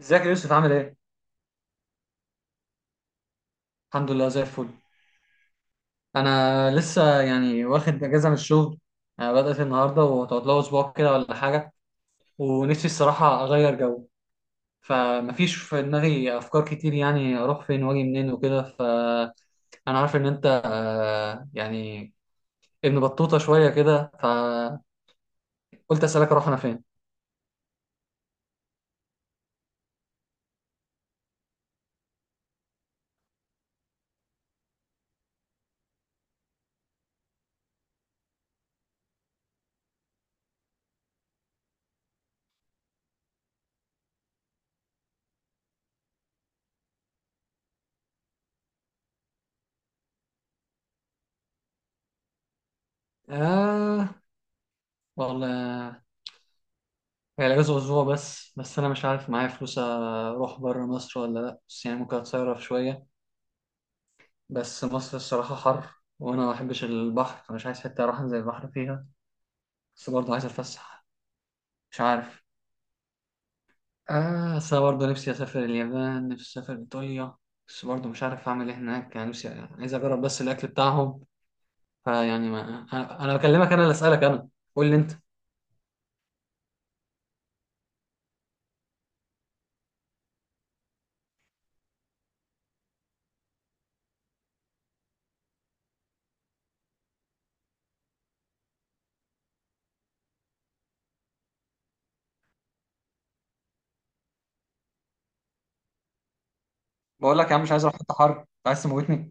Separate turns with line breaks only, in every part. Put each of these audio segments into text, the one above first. ازيك يا يوسف، عامل ايه؟ الحمد لله، زي الفل. انا لسه يعني واخد اجازه من الشغل. بدأت النهارده وهتقعد لها اسبوع كده ولا حاجه. ونفسي الصراحه اغير جو. فمفيش في دماغي افكار كتير، يعني اروح فين واجي منين وكده، فانا عارف ان انت يعني ابن بطوطه شويه كده، فقلت اسالك، اروح انا فين؟ آه والله، هي الأجازة أسبوع بس، بس أنا مش عارف معايا فلوس أروح بره مصر ولا لأ، بس يعني ممكن أتصرف شوية. بس مصر الصراحة حر، وأنا ما بحبش البحر، فمش عايز حتة أروح أنزل البحر فيها. بس برضه عايز أتفسح. مش عارف. بس أنا برضه نفسي أسافر اليابان، نفسي أسافر إيطاليا. بس برضه مش عارف أعمل إيه هناك، يعني نفسي عايز أجرب بس الأكل بتاعهم. فيعني ما أنا بكلمك، أنا اللي أسألك أنا. قول لي أنت. بقول لك يا عم، مش عايز أروح حتة حر، أنت عايز تموتني؟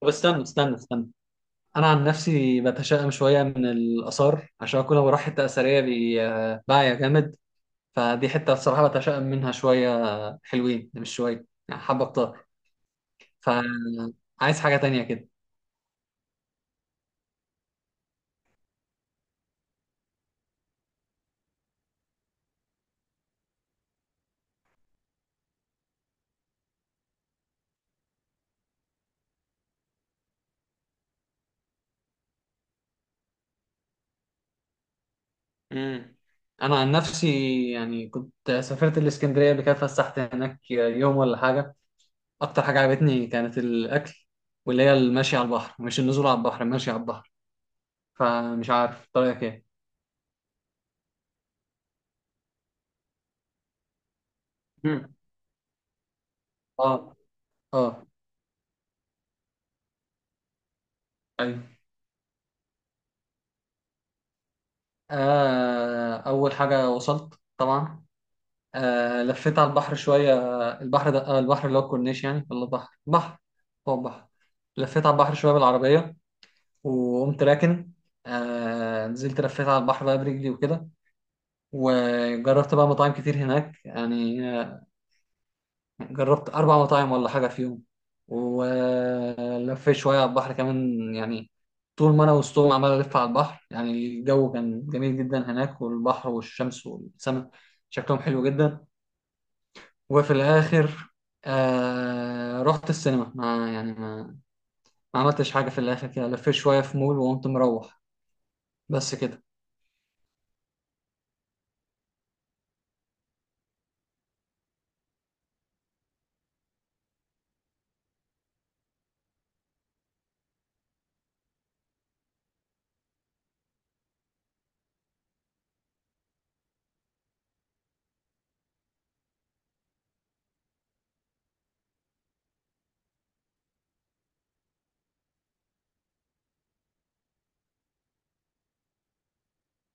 طب استنى، استنى، استنى. أنا عن نفسي بتشائم شوية من الآثار، عشان أكون لو رايح حتة أثرية بعيا جامد. فدي حتة بصراحة بتشائم منها شوية. حلوين، مش شوية يعني، حبة كتار. فعايز حاجة تانية كده. امم. أنا عن نفسي يعني كنت سافرت الإسكندرية قبل كده، فسحت هناك يوم ولا حاجة. أكتر حاجة عجبتني كانت الأكل، واللي هي المشي على البحر، مش النزول على البحر، المشي على البحر. فمش عارف طريقك إيه. امم. اه. اه. ايوه. آه، أول حاجة وصلت طبعا، لفيت على البحر شوية، البحر ده، البحر اللي هو الكورنيش يعني، ولا بحر بحر؟ هو بحر. لفيت على البحر شوية بالعربية، وقمت راكن. نزلت، لفيت على البحر بقى برجلي وكده. وجربت بقى مطاعم كتير هناك يعني، جربت أربع مطاعم ولا حاجة في يوم. ولفيت شوية على البحر كمان يعني. طول ما أنا وسطهم عمال ألف على البحر، يعني الجو كان جميل جدا هناك، والبحر والشمس والسماء شكلهم حلو جدا. وفي الاخر رحت السينما، ما يعني ما, ما عملتش حاجه، في الاخر كده لفيت شويه في مول وقمت مروح. بس كده.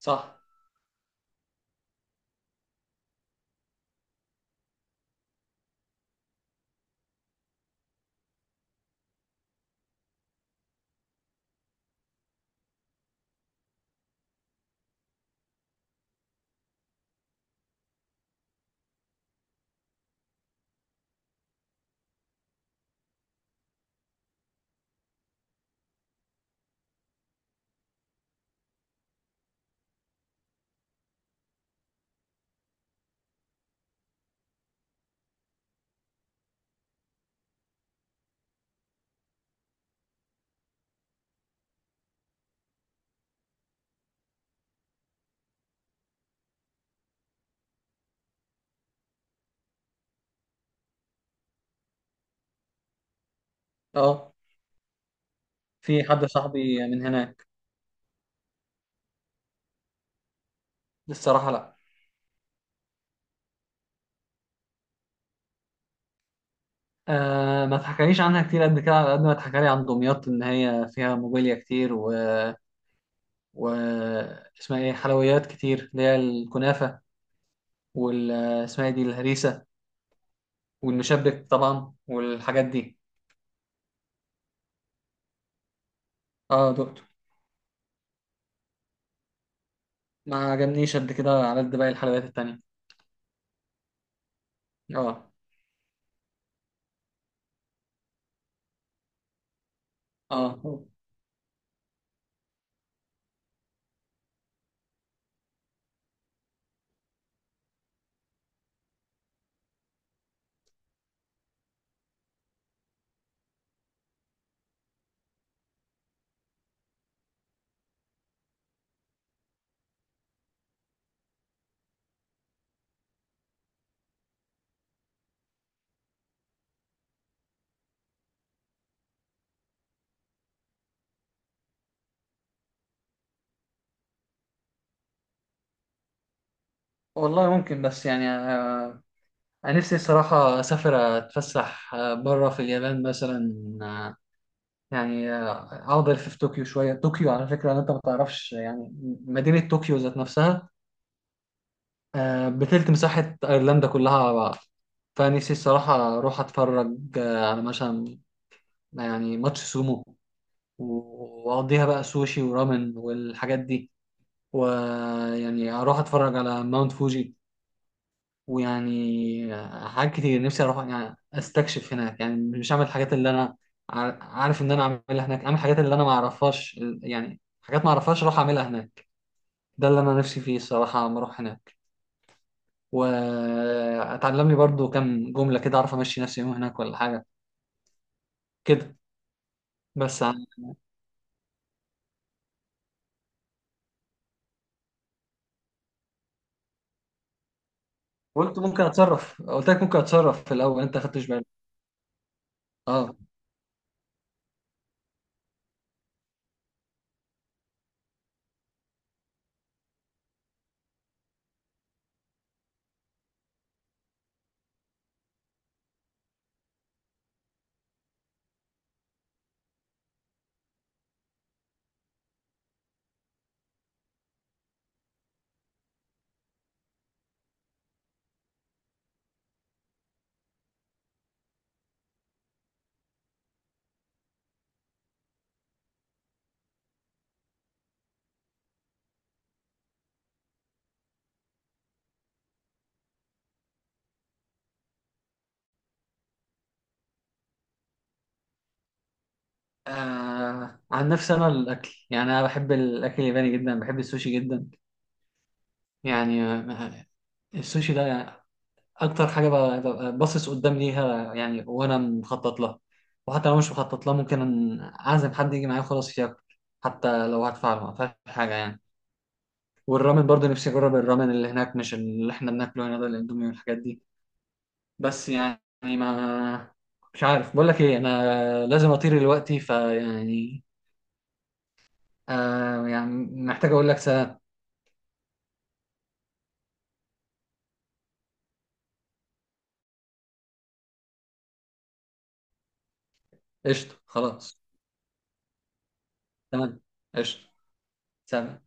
صح. اه. في حد صاحبي من هناك. الصراحه، لا. آه، ما اتحكاليش عنها كتير قد كده، على قد ما اتحكالي عن دمياط ان هي فيها موبيليا كتير و اسمها ايه، حلويات كتير اللي هي الكنافه، وال اسمها إيه دي الهريسه، والمشبك طبعا والحاجات دي. اه، دقته. ما عجبنيش قد كده على قد باقي الحلويات التانية. اه. اه. والله ممكن، بس يعني انا نفسي الصراحه اسافر اتفسح، بره في اليابان مثلا. آه، يعني اقعد الف في طوكيو شويه، طوكيو على فكره انت ما تعرفش يعني، مدينه طوكيو ذات نفسها بتلت مساحه ايرلندا كلها على بعض. فنفسي الصراحه اروح اتفرج على مثلا يعني ماتش سومو، واقضيها بقى سوشي ورامن والحاجات دي. ويعني اروح اتفرج على ماونت فوجي، ويعني حاجات كتير نفسي اروح يعني استكشف هناك، يعني مش اعمل الحاجات اللي انا عارف ان انا اعملها هناك، اعمل الحاجات اللي انا ما اعرفهاش، يعني حاجات ما اعرفهاش اروح اعملها هناك. ده اللي انا نفسي فيه الصراحه لما اروح هناك، واتعلم لي برضو كام جمله كده اعرف امشي نفسي يوم هناك ولا حاجه كده. بس يعني قلت ممكن اتصرف، قلت لك ممكن اتصرف في الاول، انت خدتش بالك؟ اه. عن نفسي انا الاكل يعني، انا بحب الاكل الياباني جدا، بحب السوشي جدا. يعني السوشي ده اكتر حاجه ببقى باصص قدام ليها يعني، وانا مخطط لها. وحتى لو مش مخطط لها، ممكن اعزم حد يجي معايا خلاص ياكل، حتى لو هدفع له ما فيهاش حاجه يعني. والرامن برضه نفسي اجرب الرامن اللي هناك، مش اللي احنا بناكله هنا ده الاندومي والحاجات دي. بس يعني ما مش عارف بقول لك ايه، انا لازم اطير دلوقتي، فيعني يعني محتاج اقول لك سلام. قشطه، خلاص. تمام. قشطه. سلام.